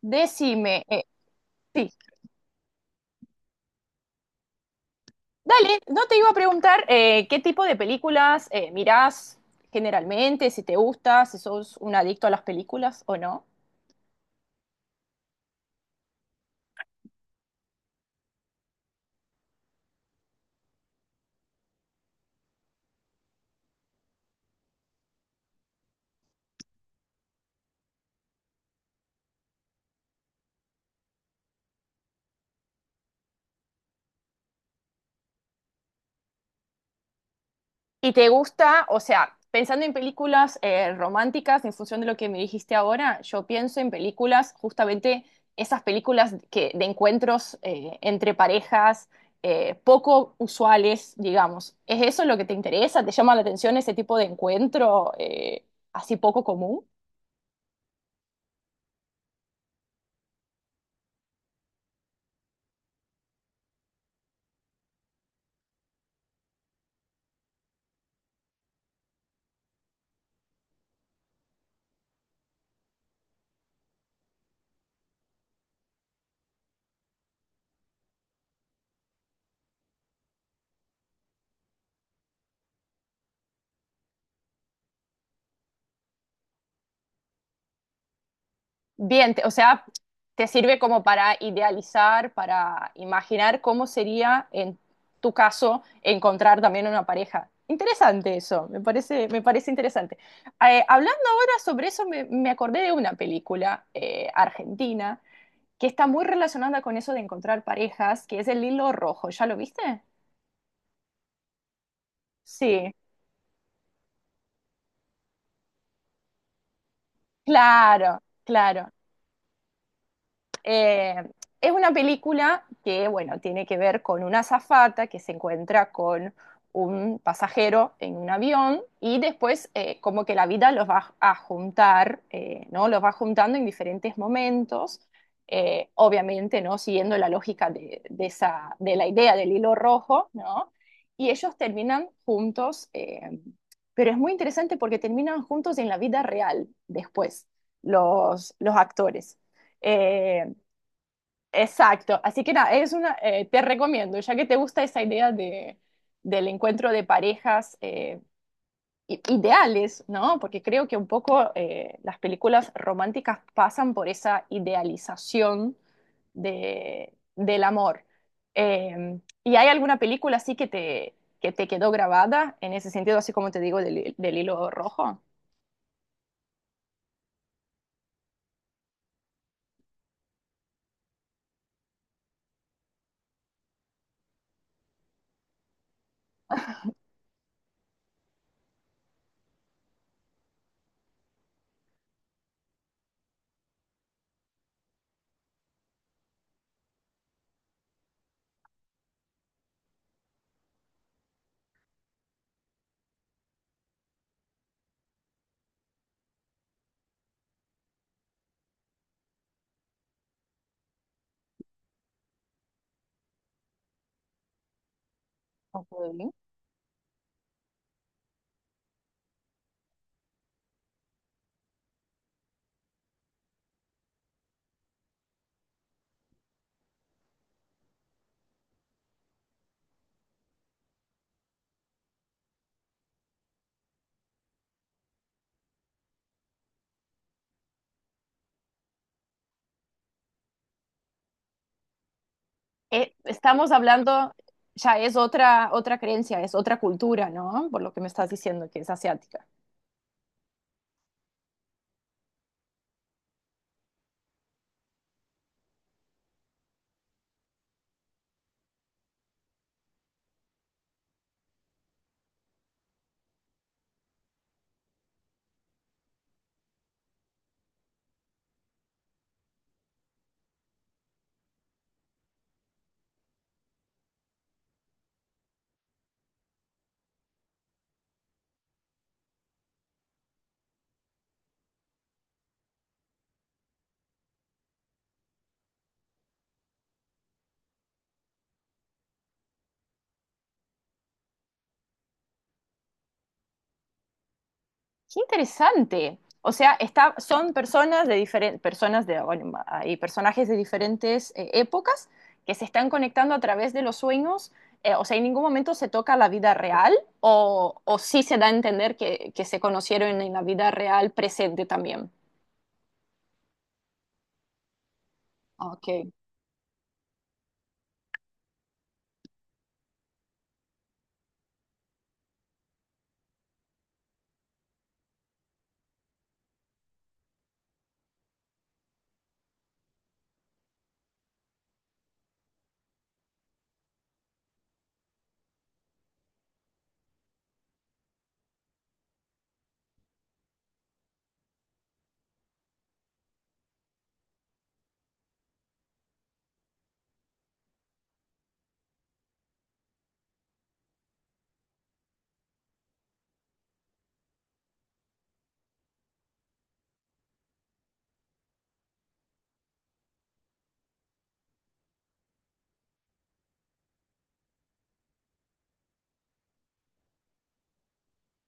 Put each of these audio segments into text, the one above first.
Decime, sí, dale, no te iba a preguntar qué tipo de películas mirás generalmente, si te gusta, si sos un adicto a las películas o no. Y te gusta, o sea, pensando en películas románticas, en función de lo que me dijiste ahora, yo pienso en películas, justamente esas películas que, de encuentros entre parejas, poco usuales, digamos. ¿Es eso lo que te interesa? ¿Te llama la atención ese tipo de encuentro así poco común? Bien, o sea, te sirve como para idealizar, para imaginar cómo sería en tu caso encontrar también una pareja. Interesante eso, me parece interesante. Hablando ahora sobre eso, me acordé de una película argentina que está muy relacionada con eso de encontrar parejas, que es El Hilo Rojo. ¿Ya lo viste? Sí, claro, claro. Eh, es una película que, bueno, tiene que ver con una azafata que se encuentra con un pasajero en un avión y después como que la vida los va a juntar, ¿no? Los va juntando en diferentes momentos, obviamente, ¿no? Siguiendo la lógica de esa, de la idea del hilo rojo, ¿no? Y ellos terminan juntos, pero es muy interesante porque terminan juntos en la vida real después, los actores. Eh, Exacto, así que nada, es una, te recomiendo, ya que te gusta esa idea de, del encuentro de parejas ideales, ¿no? Porque creo que un poco las películas románticas pasan por esa idealización de, del amor. ¿Y hay alguna película así que te quedó grabada en ese sentido, así como te digo, del, del hilo rojo? Ok. Eh, estamos hablando, ya es otra, otra creencia, es otra cultura, ¿no? Por lo que me estás diciendo que es asiática. Qué interesante. O sea, está, son personas de diferentes, personas de, bueno, hay personajes de diferentes épocas que se están conectando a través de los sueños. Eh, o sea, en ningún momento se toca la vida real o sí se da a entender que se conocieron en la vida real presente también. Ok,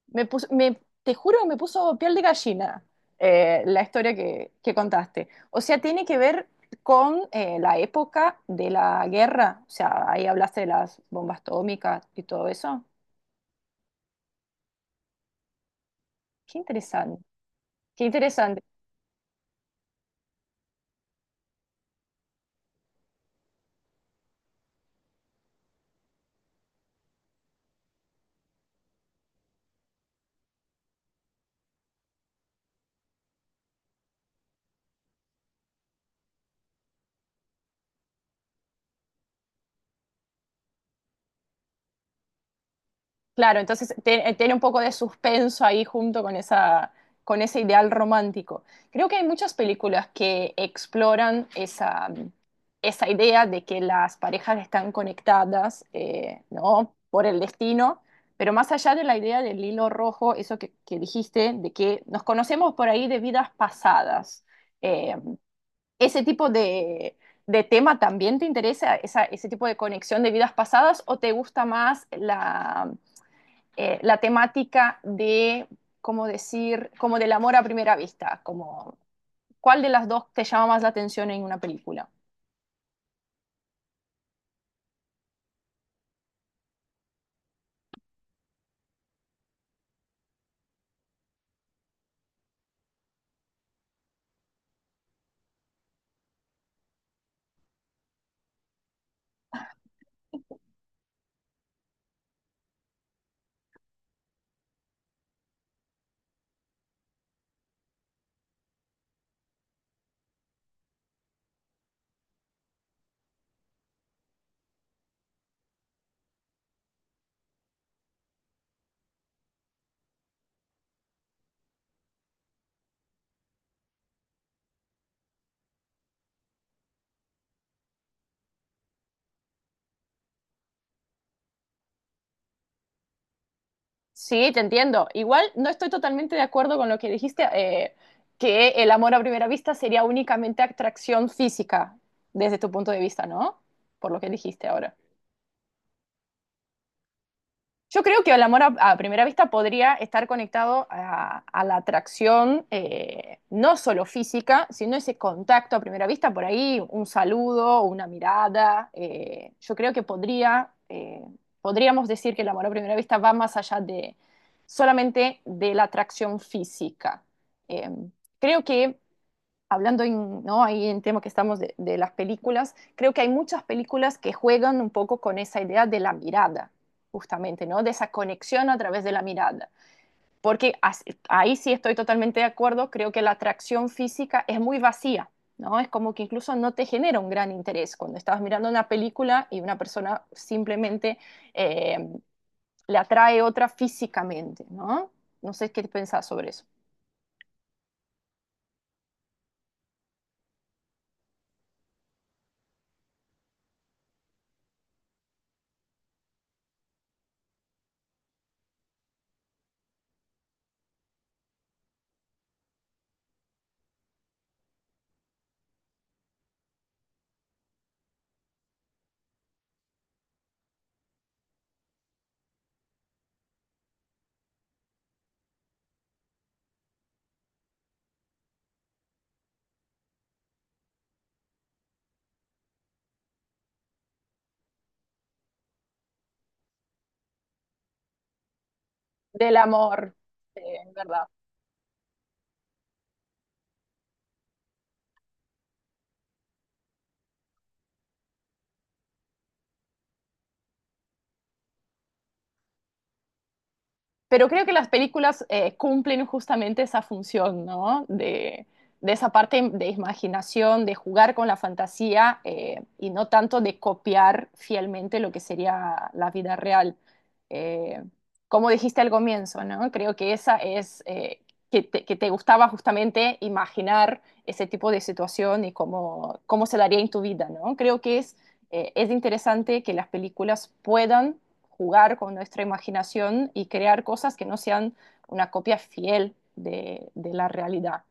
te juro, me puso piel de gallina la historia que contaste. O sea, tiene que ver con la época de la guerra. O sea, ahí hablaste de las bombas atómicas y todo eso. Qué interesante. Qué interesante. Claro, entonces tiene un poco de suspenso ahí junto con esa, con ese ideal romántico. Creo que hay muchas películas que exploran esa, esa idea de que las parejas están conectadas, ¿no? Por el destino, pero más allá de la idea del hilo rojo, eso que dijiste, de que nos conocemos por ahí de vidas pasadas. Eh, ¿Ese tipo de tema también te interesa, ese tipo de conexión de vidas pasadas, o te gusta más la la temática de, como decir, como del amor a primera vista, como cuál de las dos te llama más la atención en una película. Sí, te entiendo. Igual no estoy totalmente de acuerdo con lo que dijiste, que el amor a primera vista sería únicamente atracción física, desde tu punto de vista, ¿no? Por lo que dijiste ahora. Yo creo que el amor a primera vista podría estar conectado a la atracción, no solo física, sino ese contacto a primera vista, por ahí un saludo, una mirada. Eh, yo creo que podría, podríamos decir que el amor a primera vista va más allá de solamente de la atracción física. Eh, creo que hablando en, ¿no? Ahí en tema que estamos las películas, creo que hay muchas películas que juegan un poco con esa idea de la mirada, justamente, ¿no? De esa conexión a través de la mirada. Porque así, ahí sí estoy totalmente de acuerdo, creo que la atracción física es muy vacía, ¿no? Es como que incluso no te genera un gran interés cuando estás mirando una película y una persona simplemente eh, le atrae otra físicamente, ¿no? No sé qué pensás sobre eso. Del amor, en verdad. Pero creo que las películas cumplen justamente esa función, ¿no? De esa parte de imaginación, de jugar con la fantasía y no tanto de copiar fielmente lo que sería la vida real. Eh, como dijiste al comienzo, ¿no? Creo que esa es que te gustaba justamente imaginar ese tipo de situación y cómo, cómo se daría en tu vida, ¿no? Creo que es interesante que las películas puedan jugar con nuestra imaginación y crear cosas que no sean una copia fiel de la realidad.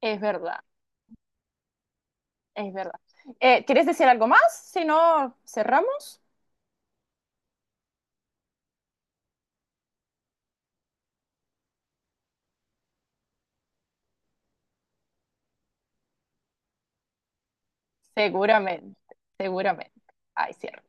Es verdad, es verdad. ¿Quieres decir algo más? Si no, cerramos. Seguramente, seguramente. Ay, cierro.